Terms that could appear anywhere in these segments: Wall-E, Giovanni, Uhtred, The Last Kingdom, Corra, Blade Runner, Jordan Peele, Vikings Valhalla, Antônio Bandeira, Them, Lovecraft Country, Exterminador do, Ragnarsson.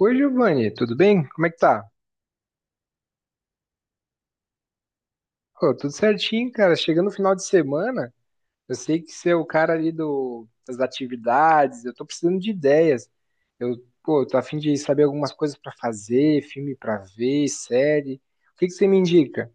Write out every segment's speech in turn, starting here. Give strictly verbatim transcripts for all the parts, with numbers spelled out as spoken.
Oi, Giovanni, tudo bem? Como é que tá? Pô, tudo certinho, cara. Chegando no final de semana, eu sei que você é o cara ali do, das atividades, eu tô precisando de ideias. Eu, pô, tô a fim de saber algumas coisas pra fazer, filme pra ver, série. O que que você me indica?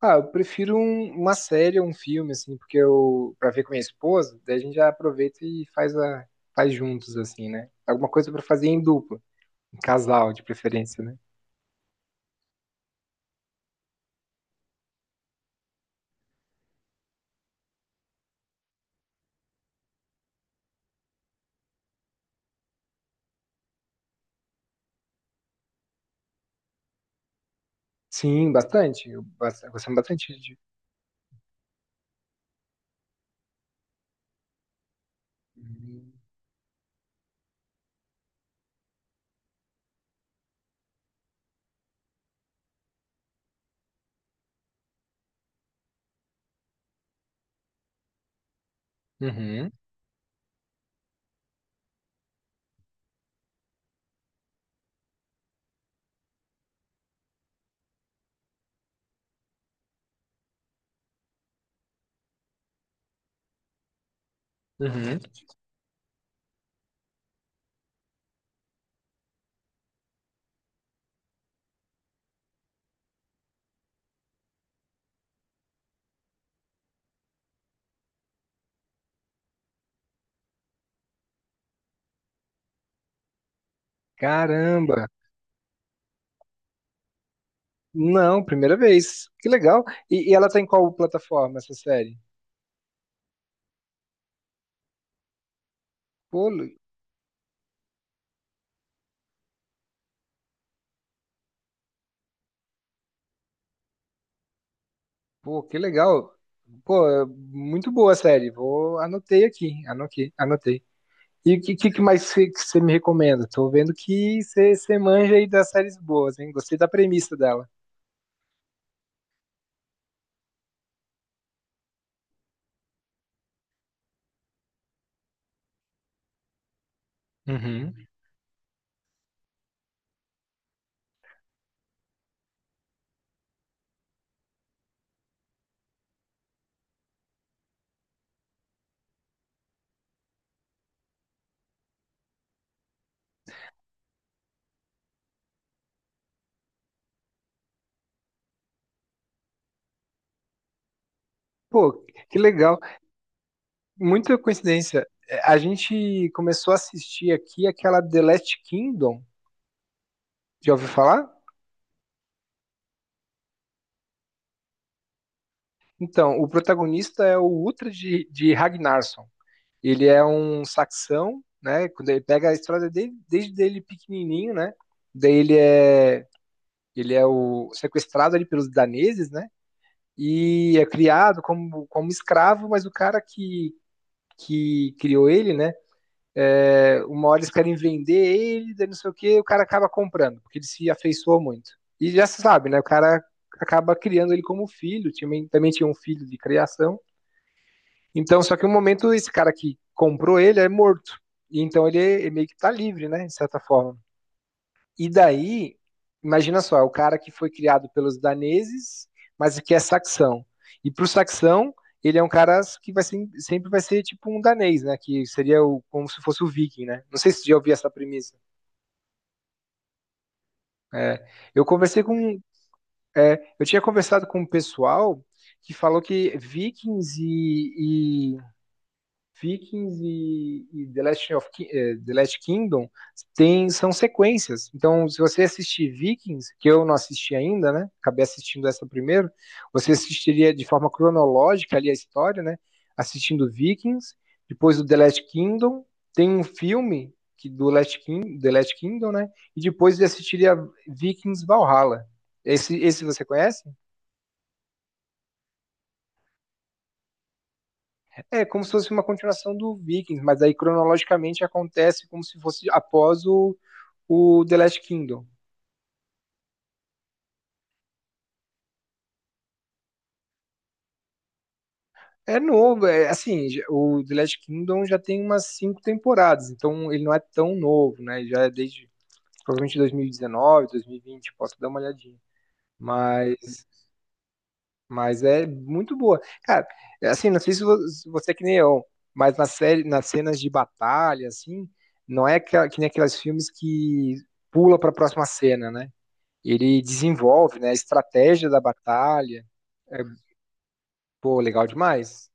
Ah, eu prefiro um- uma série ou um filme, assim, porque eu, pra ver com minha esposa, daí a gente já aproveita e faz a, faz juntos, assim, né? Alguma coisa pra fazer em dupla, em casal, de preferência, né? Sim, bastante. Eu bas- eu gosto bastante. Uhum, uhum. Caramba! Não, primeira vez. Que legal. E, e ela tá em qual plataforma essa série? Pô, Lu- Pô, que legal. Pô, é muito boa a série. Vou anotei aqui, anotei, anotei. E o que, que que mais você me recomenda? Tô vendo que você você manja aí das séries boas, hein? Gostei da premissa dela. Uhum. Pô, que legal. Muita coincidência. É, a gente começou a assistir aqui aquela The Last Kingdom. Já ouviu falar? Então, o protagonista é o Uhtred de, de Ragnarsson. Ele é um saxão, né? Quando ele pega a história dele, desde ele pequenininho, né? Daí ele é ele é o sequestrado ali pelos daneses, né? E é criado como, como escravo, mas o cara que, que criou ele, né? É, uma hora eles querem vender ele, daí não sei o que, o cara acaba comprando, porque ele se afeiçoou muito. E já se sabe, né? O cara acaba criando ele como filho, tinha- também tinha um filho de criação. Então, só que no momento, esse cara que comprou ele é morto. E então ele, é, ele meio que tá livre, né? De certa forma. E daí, imagina só, é o cara que foi criado pelos daneses, mas que é saxão. E pro saxão, ele é um cara que vai ser- sempre vai ser tipo um danês, né? Que seria o, como se fosse o viking, né? Não sei se você já ouviu essa premissa. É, eu conversei com, é, eu tinha conversado com um pessoal que falou que vikings e, Vikings e, e The, Last of Ki- eh, The Last Kingdom tem, são sequências. Então, se você assistir Vikings, que eu não assisti ainda, né? Acabei assistindo essa primeiro, você assistiria de forma cronológica ali a história, né? Assistindo Vikings, depois do The Last Kingdom, tem um filme que do Last King, The Last Kingdom, né? E depois você assistiria Vikings Valhalla. Esse, esse você conhece? É como se fosse uma continuação do Vikings, mas aí cronologicamente acontece como se fosse após o o The Last Kingdom. É novo, é, assim, o The Last Kingdom já tem umas cinco temporadas, então ele não é tão novo, né? Já é desde provavelmente dois mil e dezenove, dois mil e vinte, posso dar uma olhadinha. Mas, mas é muito boa. Cara, é assim, não sei se vo- se você é que nem eu, mas na série, nas cenas de batalha, assim, não é aquela- que nem aqueles filmes que pula para a próxima cena, né? Ele desenvolve, né, a estratégia da batalha. É, pô, legal demais.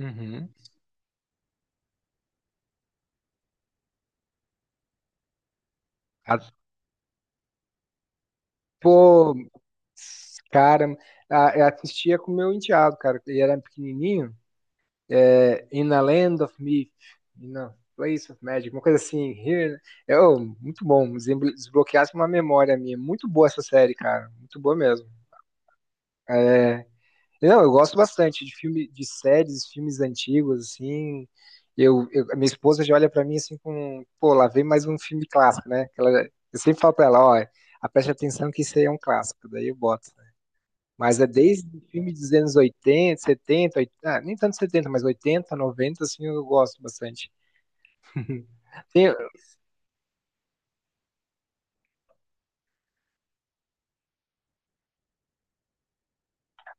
Uhum. A- Pô, cara, a- eu assistia com o meu enteado, cara. Ele era pequenininho. É, In a Land of Myth, In a Place of Magic, uma coisa assim. Here, é, oh, muito bom. desembl- Desbloqueasse uma memória minha. Muito boa essa série, cara. Muito boa mesmo. Não, eu gosto bastante de filme, de séries, filmes antigos, assim. Eu, eu- a minha esposa já olha pra mim assim com, pô, lá vem mais um filme clássico, né? Que ela, eu sempre falo pra ela, ó, preste atenção que isso aí é um clássico. Daí eu boto. Mas é desde filme dos anos oitenta, setenta, oitenta, ah, nem tanto setenta, mas oitenta, noventa assim, eu gosto bastante. Tem-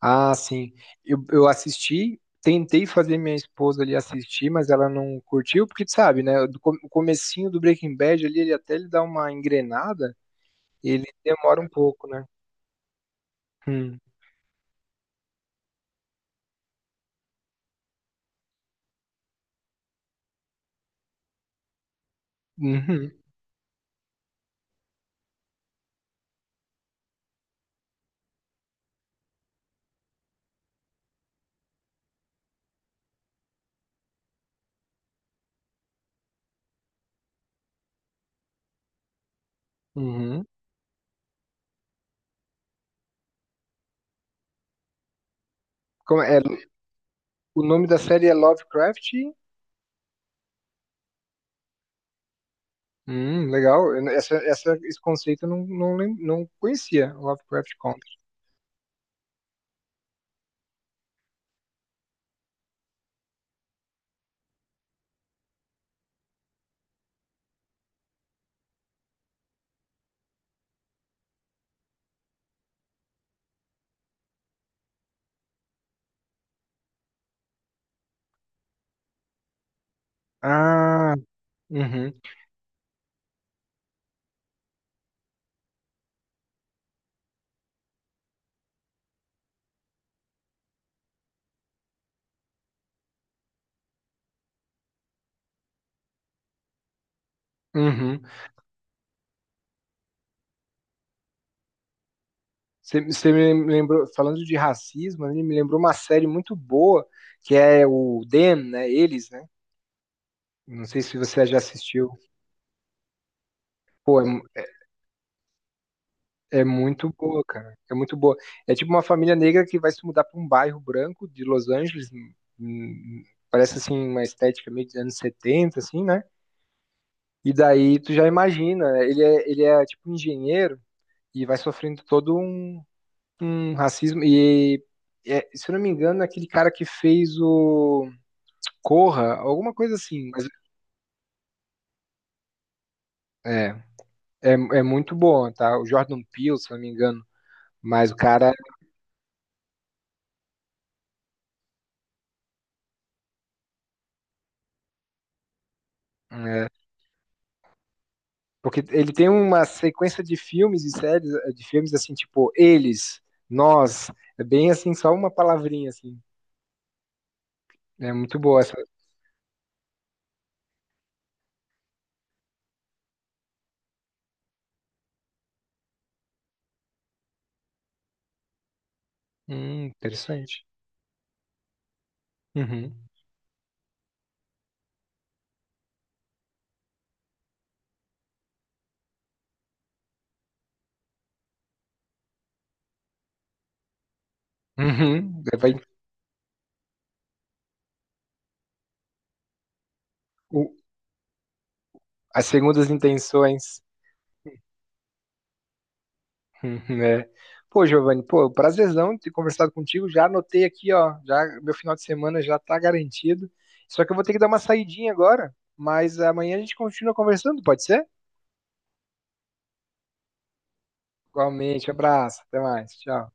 ah, sim. Eu, eu assisti, tentei fazer minha esposa ali assistir, mas ela não curtiu, porque tu sabe, né? do co- o comecinho do Breaking Bad ali, ele até ele dá uma engrenada, ele demora um pouco, né? Hum. Uhum. Uhum. Como é, o nome da série é Lovecraft. Hum, legal. Eu- Essa, essa- esse conceito eu não, não, lem- não conhecia, Lovecraft Country. Ah, uhum, uhum. Você você me lembrou, falando de racismo, ele me lembrou uma série muito boa, que é o Them, né? Eles, né? Não sei se você já assistiu. É muito boa, cara. É muito boa. É tipo uma família negra que vai se mudar para um bairro branco de Los Angeles. Hum, hum, parece assim uma estética meio dos anos setenta assim, né? E daí tu já imagina, né? ele é, ele é tipo engenheiro e vai sofrendo todo um um racismo. E, é, se eu não me engano, é aquele cara que fez o Corra, alguma coisa assim. Mas é, é, é muito bom, tá? O Jordan Peele, se eu não me engano. Mas o cara. É, porque ele tem uma sequência de filmes e séries, eh, de filmes assim, tipo, eles, nós. É bem assim, só uma palavrinha, assim. É muito boa essa. Hum, interessante. Uhum. Uhum. Vai, o- as segundas intenções. Uhum, é. Pô, Giovanni, pô, prazerzão ter conversado contigo. Já anotei aqui, ó. Já meu final de semana já tá garantido. Só que eu vou ter que dar uma saidinha agora, mas amanhã a gente continua conversando, pode ser? Igualmente, abraço, até mais, tchau.